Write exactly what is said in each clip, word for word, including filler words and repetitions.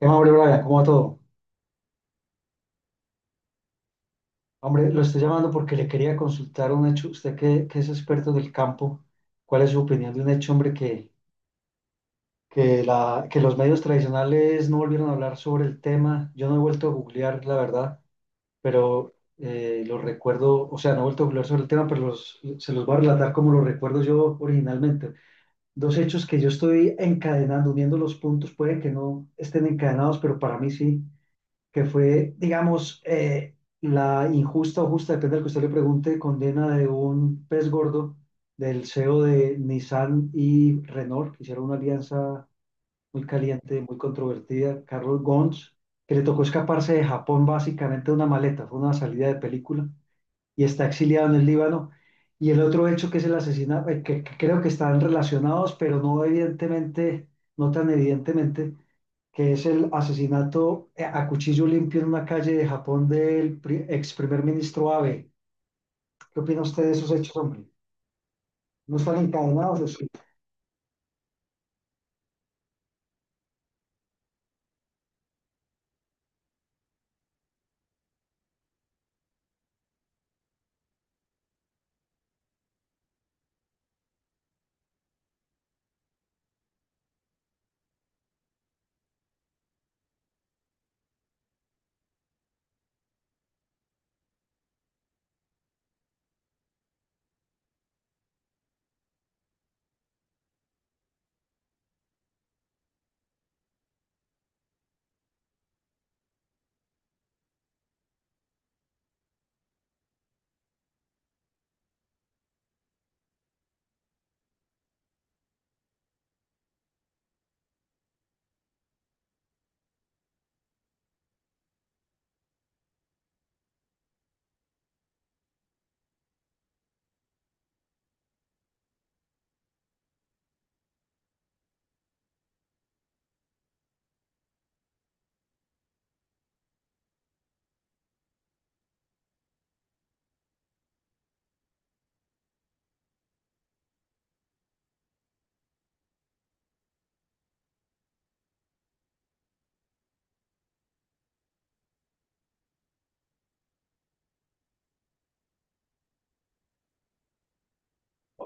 Eh, hombre, Brian, ¿cómo va todo? Hombre, lo estoy llamando porque le quería consultar un hecho. Usted que, que es experto del campo, ¿cuál es su opinión de un hecho, hombre, que, que, la, que los medios tradicionales no volvieron a hablar sobre el tema? Yo no he vuelto a googlear, la verdad, pero eh, lo recuerdo, o sea, no he vuelto a googlear sobre el tema, pero los- se los voy a relatar como lo recuerdo yo originalmente. Dos hechos que yo estoy encadenando, uniendo los puntos, puede que no estén encadenados, pero para mí sí. que fue, digamos, eh, la injusta o justa, depende del que usted le pregunte, condena de un pez gordo, del C E O de Nissan y Renault, que hicieron una alianza muy caliente, muy controvertida, Carlos Ghosn, que le tocó escaparse de Japón básicamente de una maleta, fue una salida de película, y está exiliado en el Líbano. Y el otro hecho que es el asesinato, eh, que, que creo que están relacionados, pero no evidentemente, no tan evidentemente, que es el asesinato a cuchillo limpio en una calle de Japón del pri- ex primer ministro Abe. ¿Qué opina usted de esos hechos, hombre? ¿No están encadenados? Es,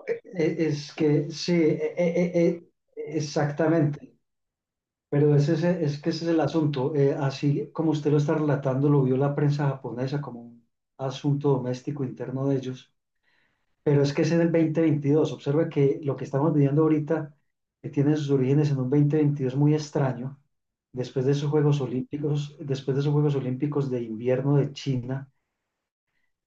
es que sí, eh, eh, eh, exactamente. Pero ese es, es que ese es el asunto. Eh, así como usted lo está relatando, lo vio la prensa japonesa como un asunto doméstico interno de ellos. Pero es que ese es el dos mil veintidós. Observa que lo que estamos viviendo ahorita eh, tiene sus orígenes en un dos mil veintidós muy extraño. Después de esos Juegos Olímpicos, después de esos Juegos Olímpicos de invierno de China,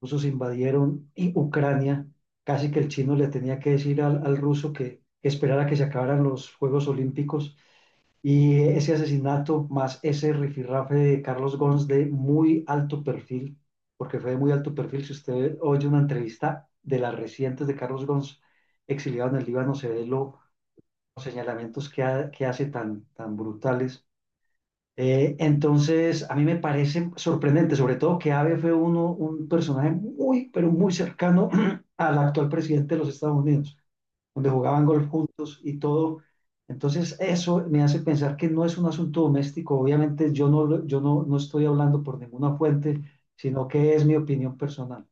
los rusos invadieron y Ucrania. Casi que el chino le tenía que decir al, al ruso que, que esperara que se acabaran los Juegos Olímpicos, y ese asesinato más ese rifirrafe de Carlos Gons de muy alto perfil, porque fue de muy alto perfil, si usted oye una entrevista de las recientes de Carlos Gons exiliado en el Líbano, se ve lo- los señalamientos que, ha- que hace tan, tan brutales. Eh, entonces, a mí me parece sorprendente, sobre todo que Abe fue uno, un personaje muy, pero muy cercano al actual presidente de los Estados Unidos, donde jugaban golf juntos y todo. Entonces, eso me hace pensar que no es un asunto doméstico. Obviamente, yo no, lo- yo no, no estoy hablando por ninguna fuente, sino que es mi opinión personal.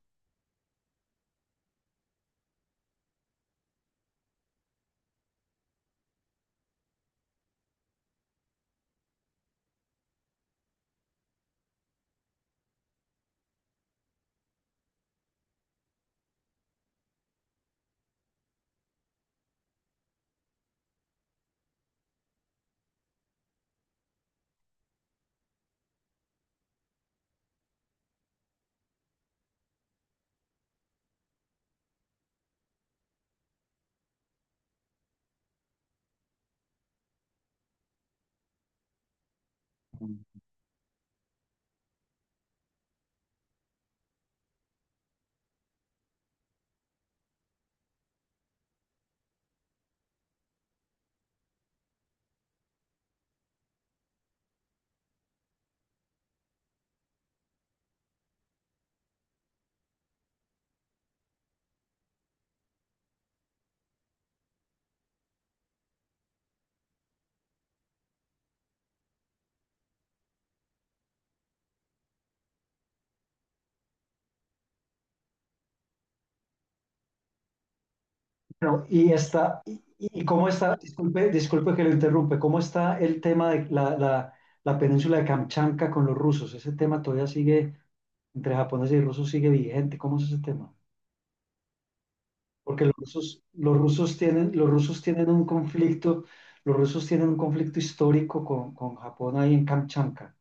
Bueno, y está, y, y cómo está, disculpe, disculpe que lo interrumpe, ¿cómo está el tema de la, la, la península de Kamchatka con los rusos? Ese tema todavía sigue, entre japoneses y rusos, sigue vigente. ¿Cómo es ese tema? Porque los rusos, los rusos tienen, los rusos tienen un conflicto, los rusos tienen un conflicto histórico con, con Japón ahí en Kamchatka.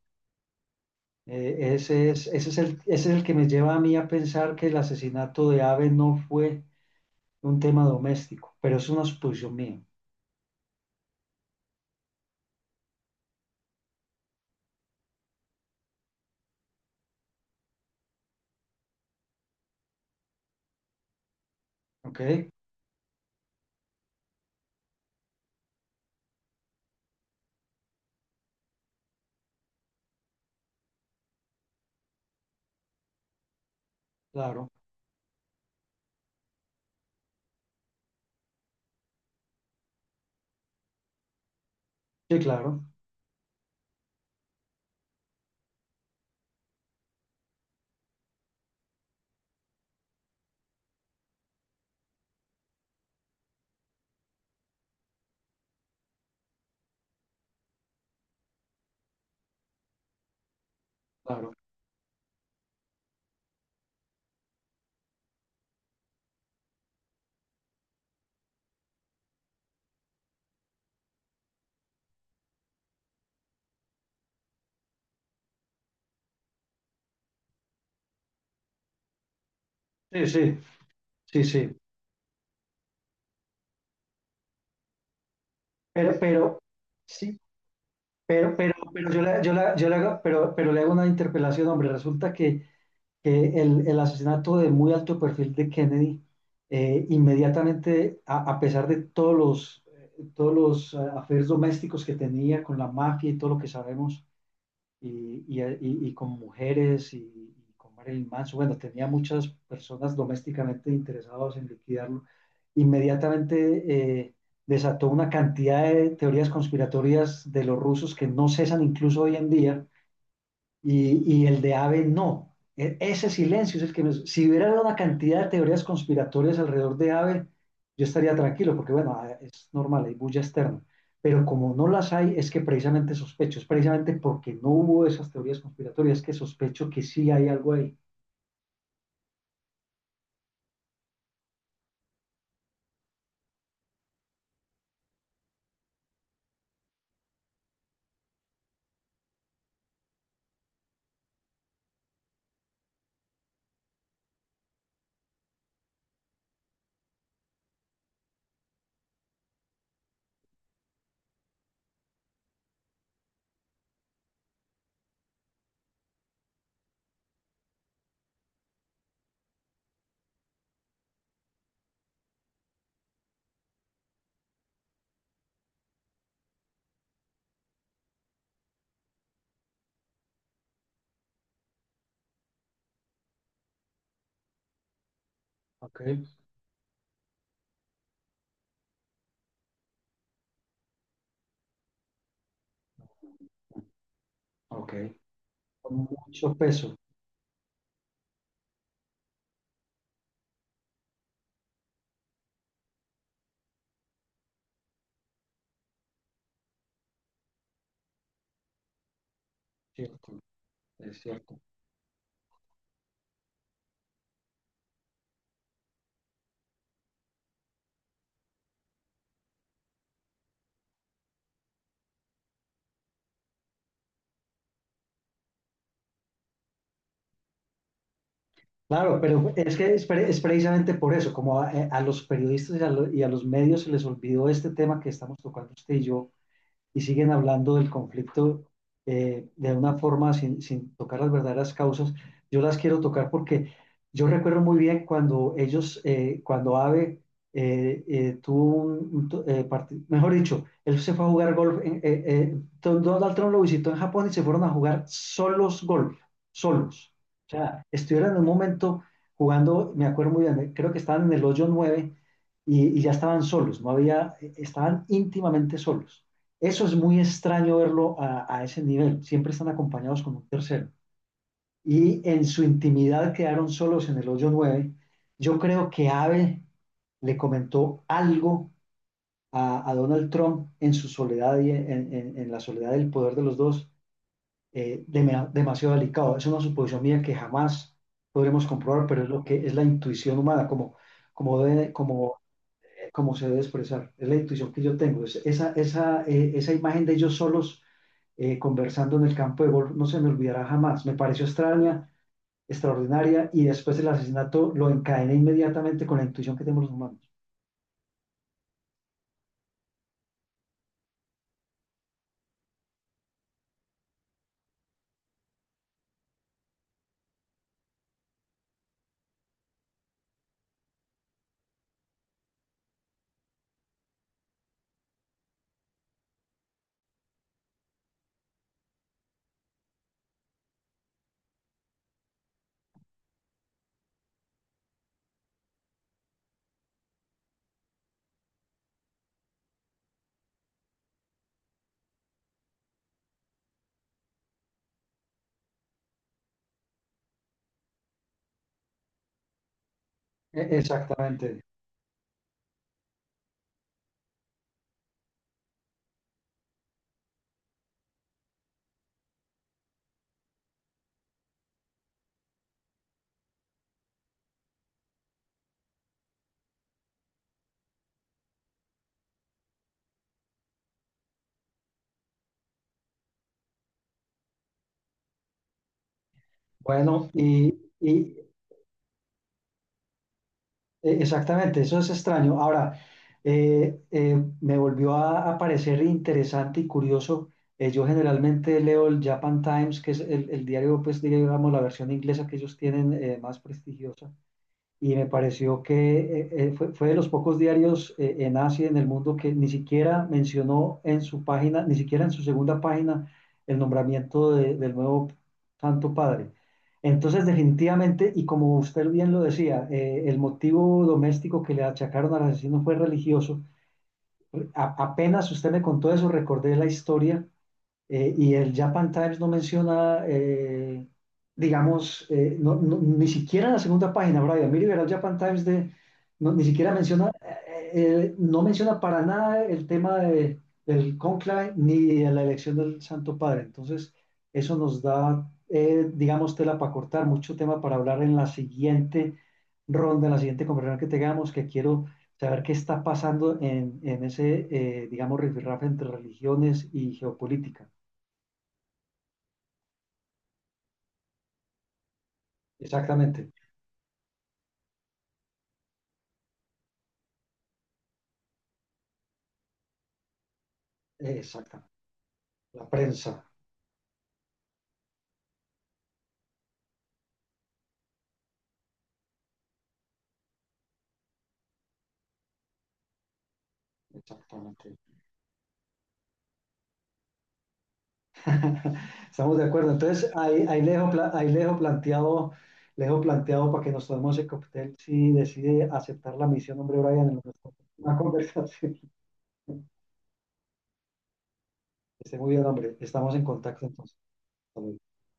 Eh, ese es, ese es el, ese es el que me lleva a mí a pensar que el asesinato de Abe no fue un tema doméstico, pero es una suposición mía, ¿ok? Claro, sí, claro, claro. Sí, sí, sí, sí. Pero, pero, sí, pero, pero, pero yo le, yo le- yo le hago, pero, pero le hago una interpelación, hombre, resulta que que el, el asesinato de muy alto perfil de Kennedy, eh, inmediatamente, a, a pesar de todos los, eh, todos los eh, affairs domésticos que tenía con la mafia y todo lo que sabemos, y, y- y- y con mujeres y, y con Marilyn Manson, bueno, tenía muchas personas domésticamente interesadas en liquidarlo, inmediatamente eh, desató una cantidad de teorías conspiratorias de los rusos que no cesan incluso hoy en día, y y el de Abe no. E- ese silencio es el que me... Si hubiera una cantidad de teorías conspiratorias alrededor de Abe, yo estaría tranquilo, porque bueno, a- es normal, hay bulla externa. Pero como no las hay, es que precisamente sospecho, es precisamente porque no hubo esas teorías conspiratorias que sospecho que sí hay algo ahí. Ok. Ok, con mucho peso. Cierto, es cierto. Claro, pero es que es, pre- es precisamente por eso, como a, eh, a los periodistas y a, lo- y a los medios se les olvidó este tema que estamos tocando usted y yo, y siguen hablando del conflicto, eh, de una forma sin, sin tocar las verdaderas causas. Yo las quiero tocar porque yo recuerdo muy bien cuando ellos, eh, cuando AVE eh, eh, tuvo un, un to- eh, parti- mejor dicho, él se fue a jugar golf, en- eh, eh, Don- Donald Trump lo visitó en Japón y se fueron a jugar solos golf, solos. O sea, estuvieron en un momento jugando, me acuerdo muy bien, eh, creo que estaban en el hoyo nueve, y, y ya estaban solos, no había, eh, estaban íntimamente solos. Eso es muy extraño verlo a, a ese nivel. Siempre están acompañados con un tercero. Y en su intimidad quedaron solos en el hoyo nueve. Yo creo que Abe le comentó algo a, a Donald Trump en su soledad y en, en- en la soledad del poder de los dos, eh, dema- demasiado delicado. Es una suposición mía que jamás podremos comprobar, pero es lo que es la intuición humana, como, como, debe- como, como se debe expresar. Es la intuición que yo tengo. Es- esa, esa, eh, esa imagen de ellos solos eh, conversando en el campo de golf no se me olvidará jamás. Me pareció extraña, extraordinaria, y después el asesinato lo encadené inmediatamente con la intuición que tenemos los humanos. E- Exactamente. Bueno, y, y, eh, exactamente, eso es extraño. Ahora, eh, eh, me volvió a, a parecer interesante y curioso. Eh, yo generalmente leo el Japan Times, que es el, el diario, pues digamos, la versión inglesa que ellos tienen eh, más prestigiosa. Y me pareció que eh, eh, fue, fue de los pocos diarios eh, en Asia y en el mundo que ni siquiera mencionó en su página, ni siquiera en su segunda página, el nombramiento de- del nuevo Santo Padre. Entonces, definitivamente, y como usted bien lo decía, eh, el motivo doméstico que le achacaron al asesino fue religioso. A- apenas usted me contó eso, recordé la historia, eh, y el Japan Times no menciona, eh, digamos, eh, no- no- ni siquiera en la segunda página, Brian. Mire, verá el Japan Times de, no, ni siquiera menciona, eh, eh, no menciona para nada el tema de, del conclave ni de la elección del Santo Padre. Entonces, eso nos da, eh, digamos, tela para cortar, mucho tema para hablar en la siguiente ronda, en la siguiente conversación que tengamos, que quiero saber qué está pasando en, en ese, eh, digamos, rifirrafe entre religiones y geopolítica. Exactamente, exactamente. La prensa, exactamente. Estamos de acuerdo. Entonces, ahí, ahí le dejo, pla- ahí le dejo planteado, le dejo planteado para que nos tomemos el cóctel si decide aceptar la misión, hombre, Brian, en nuestra próxima conversación. Que esté muy bien, hombre. Estamos en contacto entonces. Hasta luego.